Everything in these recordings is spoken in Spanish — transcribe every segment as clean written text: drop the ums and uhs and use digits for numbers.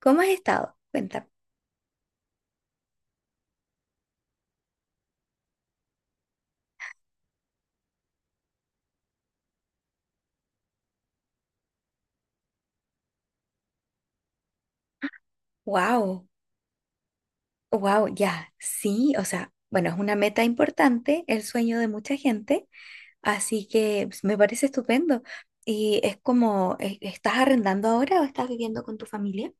¿Cómo has estado? Cuenta. Wow, wow, ya, sí, o sea, bueno, es una meta importante, el sueño de mucha gente, así que pues, me parece estupendo. Y es como, ¿estás arrendando ahora o estás viviendo con tu familia?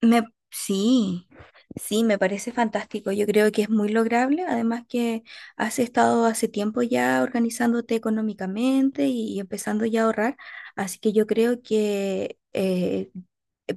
Me, sí, sí, me parece fantástico. Yo creo que es muy lograble, además que has estado hace tiempo ya organizándote económicamente y empezando ya a ahorrar, así que yo creo que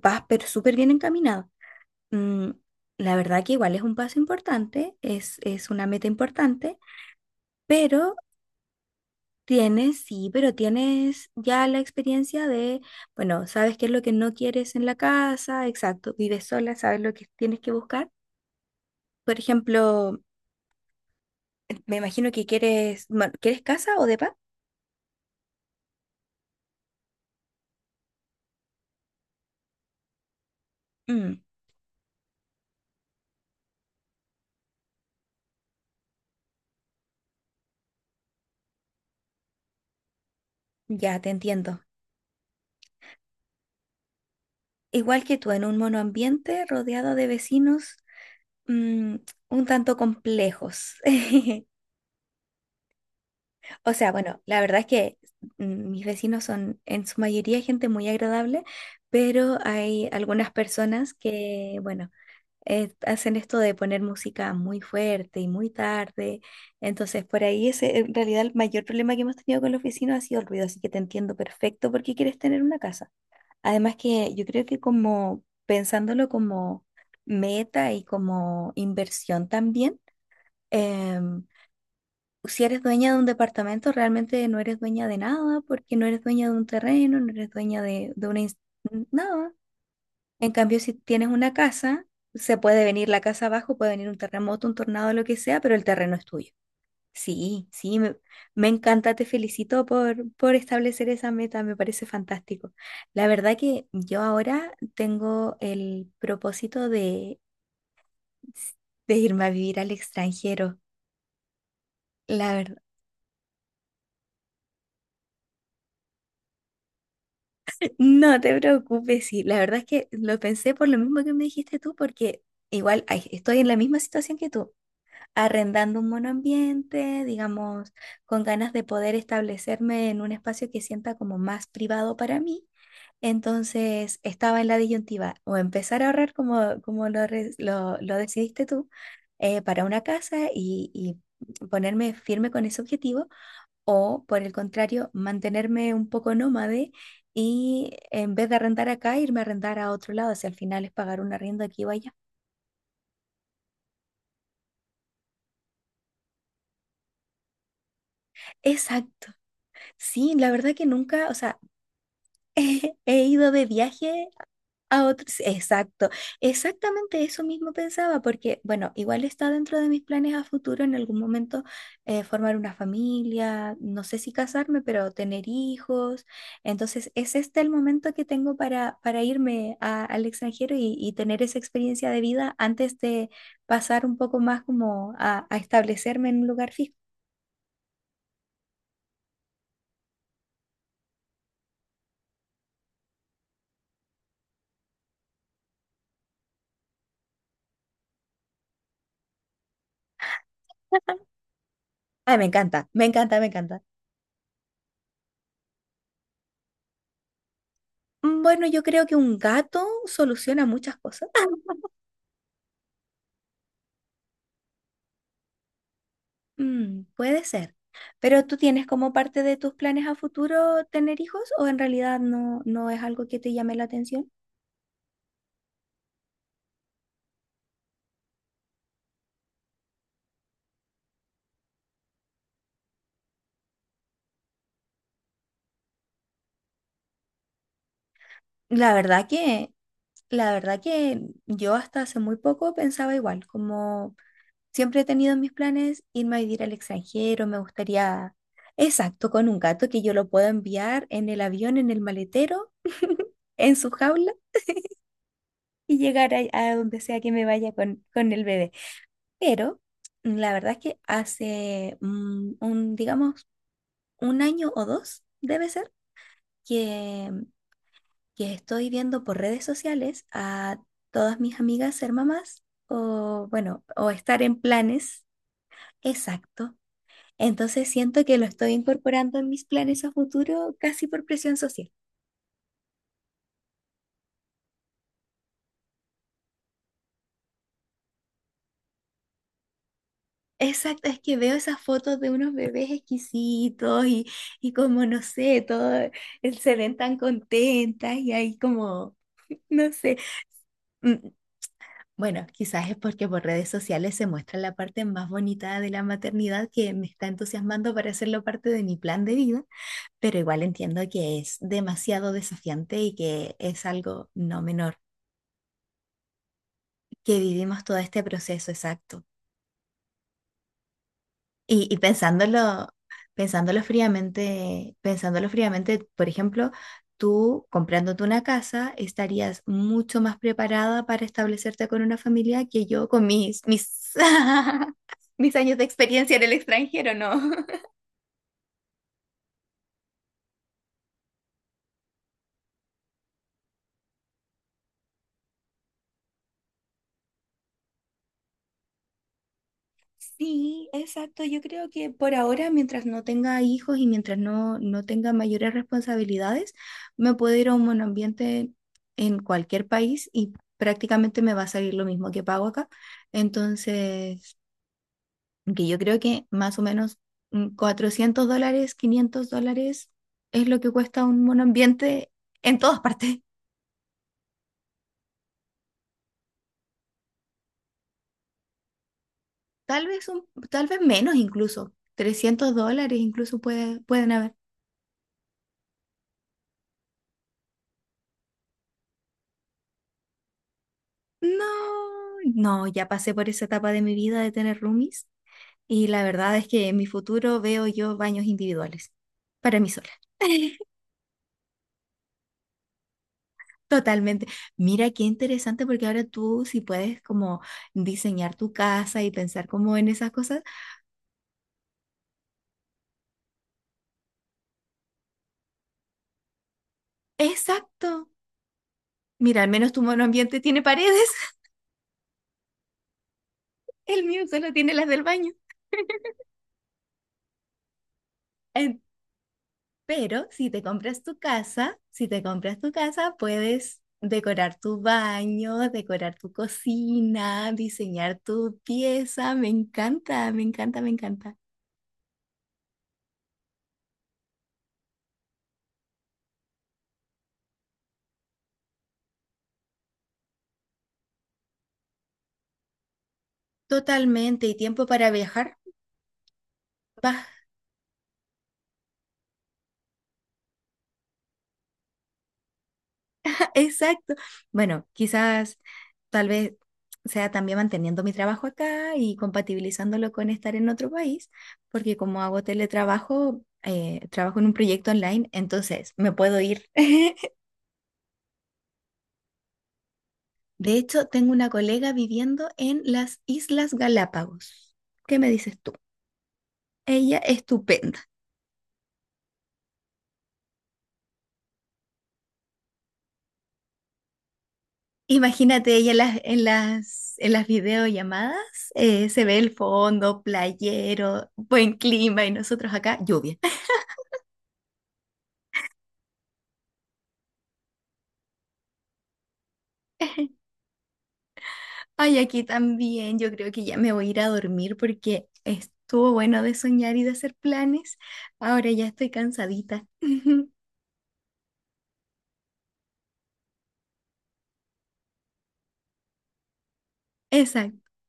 vas pero súper bien encaminado. Mm, la verdad que igual es un paso importante, es una meta importante, pero tienes, sí, pero tienes ya la experiencia de, bueno, sabes qué es lo que no quieres en la casa, exacto, vives sola, sabes lo que tienes que buscar. Por ejemplo, me imagino que quieres, bueno, ¿quieres casa o depa? Mm, ya, te entiendo. Igual que tú, en un monoambiente rodeado de vecinos, mm, un tanto complejos. O sea, bueno, la verdad es que mis vecinos son en su mayoría gente muy agradable, pero hay algunas personas que, bueno, hacen esto de poner música muy fuerte y muy tarde. Entonces, por ahí ese, en realidad el mayor problema que hemos tenido con los vecinos ha sido el ruido, así que te entiendo perfecto por qué quieres tener una casa. Además que yo creo que como pensándolo como meta y como inversión también. em, si eres dueña de un departamento, realmente no eres dueña de nada, porque no eres dueña de un terreno, no eres dueña de, nada. En cambio, si tienes una casa, se puede venir la casa abajo, puede venir un terremoto, un tornado, lo que sea, pero el terreno es tuyo. Sí, sí, me encanta, te felicito por establecer esa meta, me parece fantástico. La verdad que yo ahora tengo el propósito de irme a vivir al extranjero. La verdad. No te preocupes, sí, la verdad es que lo pensé por lo mismo que me dijiste tú, porque igual ay, estoy en la misma situación que tú, arrendando un monoambiente, digamos, con ganas de poder establecerme en un espacio que sienta como más privado para mí. Entonces estaba en la disyuntiva, o empezar a ahorrar como, como lo, lo decidiste tú, para una casa y ponerme firme con ese objetivo o, por el contrario, mantenerme un poco nómade y en vez de arrendar acá, irme a arrendar a otro lado. Si al final es pagar un arriendo aquí o allá. Exacto. Sí, la verdad que nunca, o sea, he ido de viaje a otros, exacto. Exactamente eso mismo pensaba, porque, bueno, igual está dentro de mis planes a futuro en algún momento formar una familia, no sé si casarme, pero tener hijos. Entonces, es este el momento que tengo para al extranjero y tener esa experiencia de vida antes de pasar un poco más como a establecerme en un lugar fijo. Ay, me encanta, me encanta, me encanta. Mm, bueno, yo creo que un gato soluciona muchas cosas. Mm, puede ser. Pero tú tienes como parte de tus planes a futuro tener hijos o en realidad no, ¿no es algo que te llame la atención? La verdad que, la verdad que yo hasta hace muy poco pensaba igual, como siempre he tenido en mis planes irme a vivir al extranjero, me gustaría, exacto, con un gato que yo lo pueda enviar en el avión, en el maletero, en su jaula y llegar a donde sea que me vaya con el bebé. Pero la verdad es que hace un, digamos, un año o dos, debe ser, que, que estoy viendo por redes sociales a todas mis amigas ser mamás o, bueno, o estar en planes. Exacto. Entonces siento que lo estoy incorporando en mis planes a futuro casi por presión social. Exacto, es que veo esas fotos de unos bebés exquisitos y como, no sé, todo, se ven tan contentas y hay como... No sé, mm, bueno, quizás es porque por redes sociales se muestra la parte más bonita de la maternidad que me está entusiasmando para hacerlo parte de mi plan de vida, pero igual entiendo que es demasiado desafiante y que es algo no menor, que vivimos todo este proceso exacto. Y pensándolo, pensándolo fríamente, por ejemplo, tú comprándote una casa estarías mucho más preparada para establecerte con una familia que yo con mis mis años de experiencia en el extranjero, ¿no? Sí, exacto. Yo creo que por ahora, mientras no tenga hijos y mientras no tenga mayores responsabilidades, me puedo ir a un monoambiente en cualquier país y prácticamente me va a salir lo mismo que pago acá. Entonces, que yo creo que más o menos $400, $500 es lo que cuesta un monoambiente en todas partes. Tal vez, un, tal vez menos incluso. $300 incluso puede, pueden haber. No, no, ya pasé por esa etapa de mi vida de tener roomies y la verdad es que en mi futuro veo yo baños individuales para mí sola. Totalmente. Mira qué interesante porque ahora tú si puedes como diseñar tu casa y pensar como en esas cosas. Exacto. Mira, al menos tu monoambiente tiene paredes, el mío solo tiene las del baño. En- Pero si te compras tu casa, si te compras tu casa, puedes decorar tu baño, decorar tu cocina, diseñar tu pieza. Me encanta, me encanta, me encanta. Totalmente. ¿Y tiempo para viajar? Va, exacto. Bueno, quizás tal vez sea también manteniendo mi trabajo acá y compatibilizándolo con estar en otro país, porque como hago teletrabajo, trabajo en un proyecto online, entonces me puedo ir. De hecho, tengo una colega viviendo en las Islas Galápagos. ¿Qué me dices tú? Ella estupenda. Imagínate, ella en las, en las videollamadas se ve el fondo, playero, buen clima y nosotros acá, lluvia. Ay, aquí también, yo creo que ya me voy a ir a dormir porque estuvo bueno de soñar y de hacer planes. Ahora ya estoy cansadita. Exacto.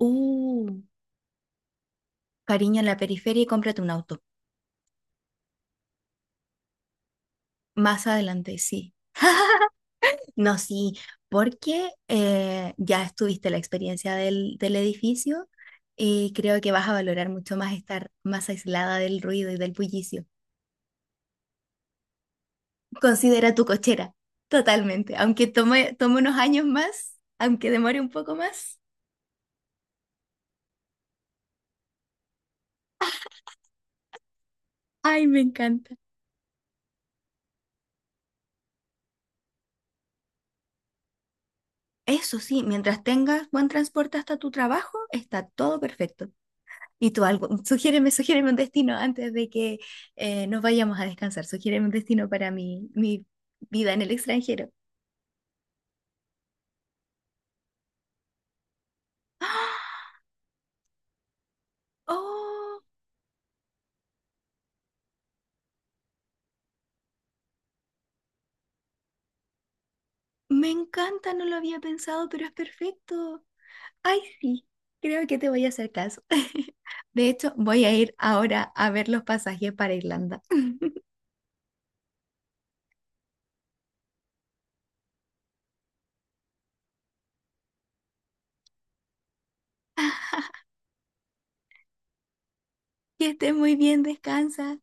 Oh, cariño, en la periferia y cómprate un auto. Más adelante, sí. No, sí, porque ya estuviste la experiencia del, del edificio y creo que vas a valorar mucho más estar más aislada del ruido y del bullicio. Considera tu cochera, totalmente. Aunque tome, tome unos años más, aunque demore un poco más. Ay, me encanta. Eso sí, mientras tengas buen transporte hasta tu trabajo, está todo perfecto. Y tú algo, sugiéreme, sugiéreme un destino antes de que nos vayamos a descansar. Sugiéreme un destino para mi, mi vida en el extranjero. ¡Ah! ¡Oh! Me encanta, no lo había pensado, pero es perfecto. Ay, sí, creo que te voy a hacer caso. De hecho, voy a ir ahora a ver los pasajes para Irlanda. Que estés muy bien, descansa.